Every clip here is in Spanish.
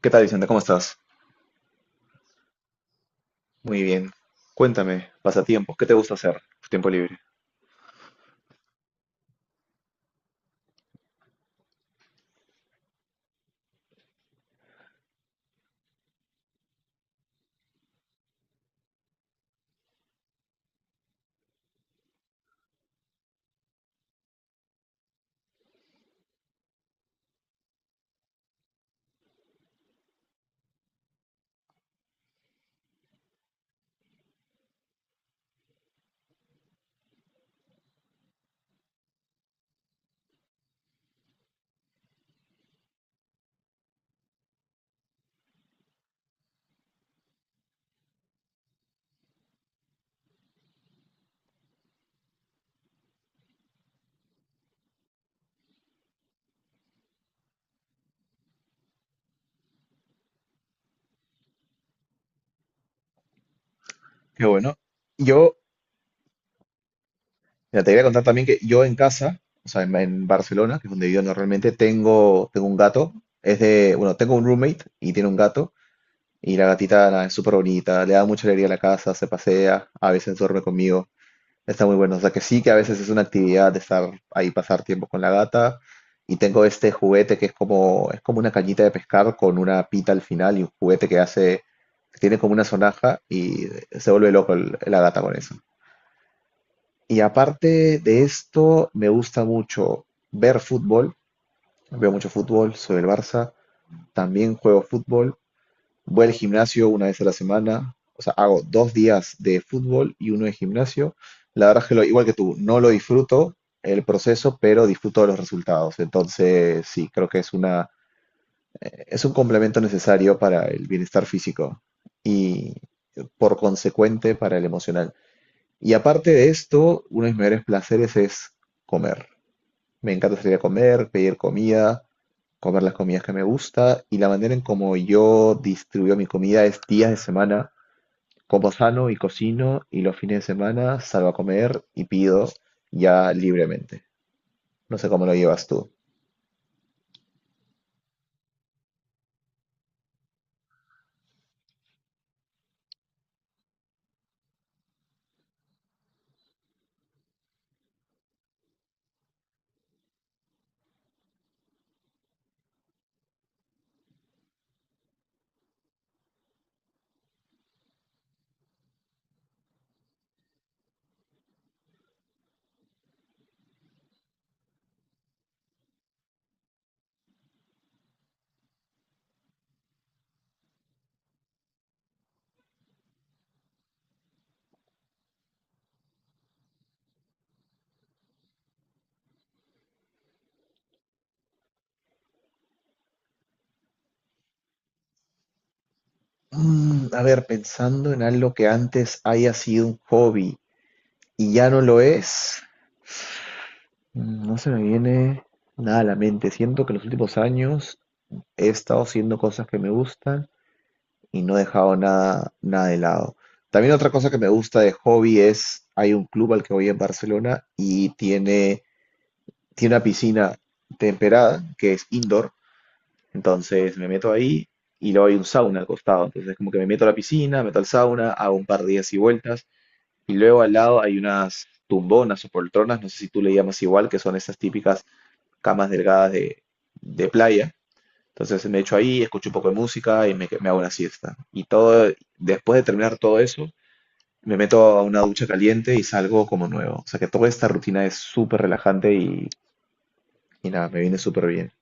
¿Qué tal, Vicente? ¿Cómo estás? Muy bien. Cuéntame, pasatiempos, ¿qué te gusta hacer tu tiempo libre? Qué bueno. Yo, mira, te voy a contar también que yo en casa, o sea, en Barcelona, que es donde vivo normalmente, tengo un gato. Bueno, tengo un roommate y tiene un gato. Y la gatita nada, es súper bonita, le da mucha alegría a la casa, se pasea, a veces duerme conmigo. Está muy bueno. O sea que sí que a veces es una actividad de estar ahí, pasar tiempo con la gata. Y tengo este juguete que es como una cañita de pescar con una pita al final y un juguete que hace, que tiene como una sonaja y se vuelve loco la gata con eso. Y aparte de esto, me gusta mucho ver fútbol. Veo mucho fútbol, soy del Barça. También juego fútbol. Voy al gimnasio una vez a la semana, o sea, hago dos días de fútbol y uno de gimnasio. La verdad es que lo, igual que tú, no lo disfruto el proceso, pero disfruto de los resultados. Entonces, sí, creo que es un complemento necesario para el bienestar físico y por consecuente para el emocional. Y aparte de esto, uno de mis mayores placeres es comer. Me encanta salir a comer, pedir comida, comer las comidas que me gusta y la manera en como yo distribuyo mi comida es días de semana como sano y cocino y los fines de semana salgo a comer y pido ya libremente. No sé cómo lo llevas tú. Mm, a ver, pensando en algo que antes haya sido un hobby y ya no lo es, mm, no se me viene nada a la mente. Siento que en los últimos años he estado haciendo cosas que me gustan y no he dejado nada, nada de lado. También otra cosa que me gusta de hobby es, hay un club al que voy en Barcelona y tiene una piscina temperada que es indoor, entonces me meto ahí y luego hay un sauna al costado, entonces como que me meto a la piscina, meto al sauna, hago un par de días y vueltas y luego al lado hay unas tumbonas o poltronas, no sé si tú le llamas igual, que son esas típicas camas delgadas de playa. Entonces me echo ahí, escucho un poco de música y me hago una siesta. Y todo, después de terminar todo eso, me meto a una ducha caliente y salgo como nuevo. O sea que toda esta rutina es súper relajante y nada, me viene súper bien.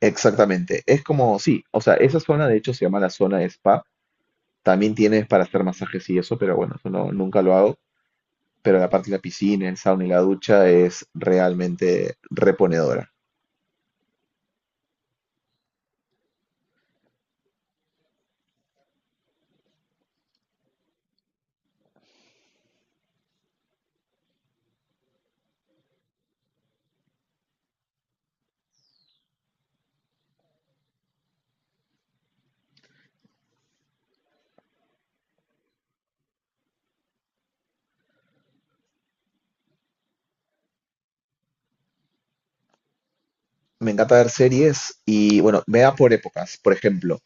Exactamente, es como, sí, o sea, esa zona de hecho se llama la zona de spa, también tienes para hacer masajes y eso, pero bueno, eso no, nunca lo hago, pero la parte de la piscina, el sauna y la ducha es realmente reponedora. Me encanta ver series y bueno, me da por épocas, por ejemplo,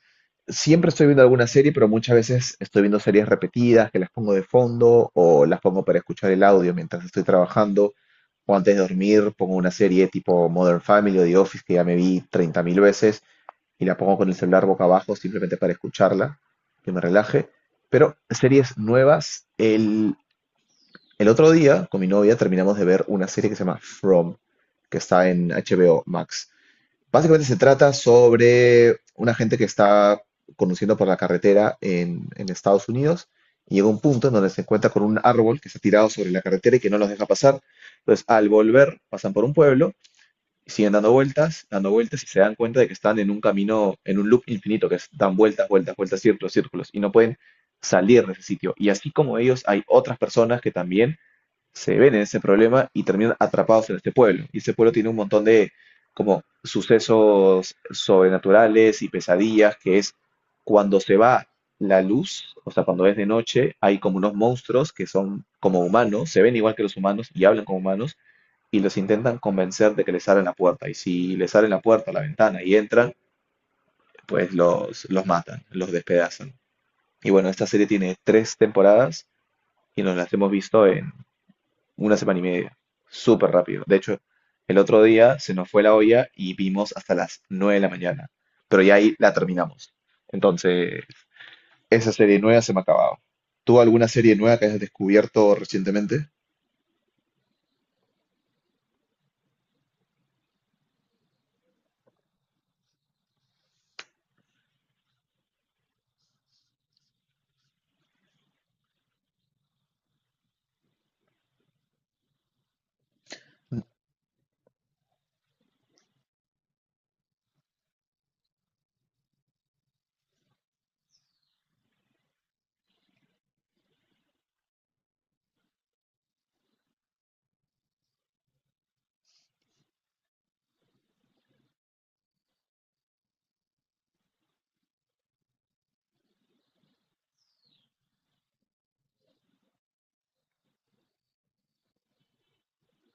siempre estoy viendo alguna serie, pero muchas veces estoy viendo series repetidas que las pongo de fondo o las pongo para escuchar el audio mientras estoy trabajando o antes de dormir pongo una serie tipo Modern Family o The Office que ya me vi 30.000 veces y la pongo con el celular boca abajo simplemente para escucharla, que me relaje. Pero series nuevas, el otro día con mi novia terminamos de ver una serie que se llama From, que está en HBO Max. Básicamente se trata sobre una gente que está conduciendo por la carretera en Estados Unidos y llega un punto en donde se encuentra con un árbol que está tirado sobre la carretera y que no los deja pasar. Entonces, al volver, pasan por un pueblo, siguen dando vueltas y se dan cuenta de que están en un camino, en un loop infinito, que es dan vueltas, vueltas, vueltas, círculos, círculos, y no pueden salir de ese sitio. Y así como ellos, hay otras personas que también se ven en ese problema y terminan atrapados en este pueblo. Y ese pueblo tiene un montón de como sucesos sobrenaturales y pesadillas, que es cuando se va la luz, o sea, cuando es de noche, hay como unos monstruos que son como humanos, se ven igual que los humanos y hablan como humanos, y los intentan convencer de que les abran la puerta. Y si les abren la puerta, la ventana y entran, pues los matan, los despedazan. Y bueno, esta serie tiene tres temporadas y nos las hemos visto en una semana y media. Súper rápido. De hecho, el otro día se nos fue la olla y vimos hasta las 9 de la mañana. Pero ya ahí la terminamos. Entonces, esa serie nueva se me ha acabado. ¿Tú alguna serie nueva que hayas descubierto recientemente?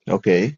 Ok.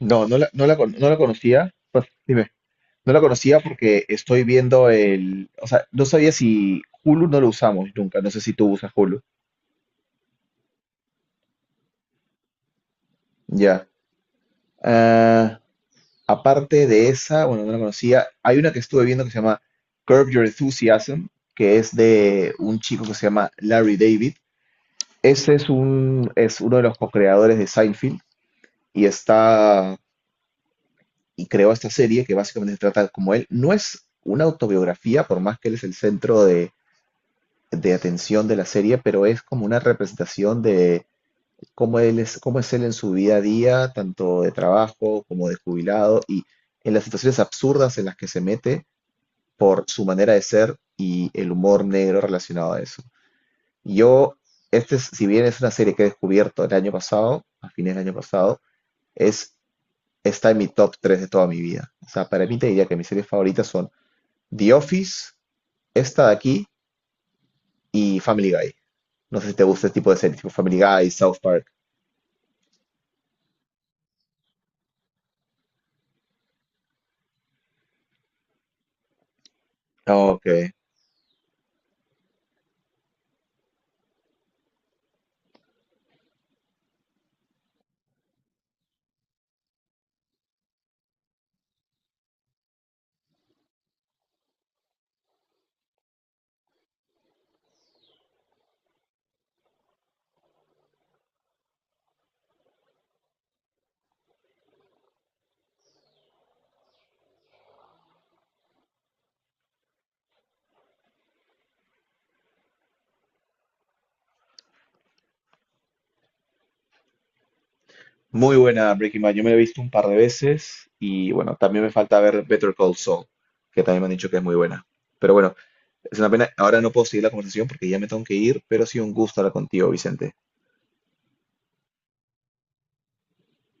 No la conocía. Pues, dime. No la conocía porque estoy viendo el, o sea, no sabía si Hulu no lo usamos nunca, no sé si tú usas Hulu. Ya. Ah, aparte de esa, bueno, no la conocía, hay una que estuve viendo que se llama Curb Your Enthusiasm, que es de un chico que se llama Larry David. Ese es un, es uno de los co-creadores de Seinfeld y está y creó esta serie que básicamente se trata como él. No es una autobiografía, por más que él es el centro de atención de la serie, pero es como una representación de cómo él es, cómo es él en su día a día, tanto de trabajo como de jubilado, y en las situaciones absurdas en las que se mete por su manera de ser y el humor negro relacionado a eso. Yo, si bien es una serie que he descubierto el año pasado, a fines del año pasado, es, está en mi top 3 de toda mi vida. O sea, para mí te diría que mis series favoritas son The Office, esta de aquí, y Family Guy. No sé si te gusta este tipo de series, tipo Family Guy, South Park. Ok. Muy buena Breaking Bad. Yo me la he visto un par de veces y bueno, también me falta ver Better Call Saul, que también me han dicho que es muy buena. Pero bueno, es una pena. Ahora no puedo seguir la conversación porque ya me tengo que ir, pero ha sido un gusto hablar contigo, Vicente.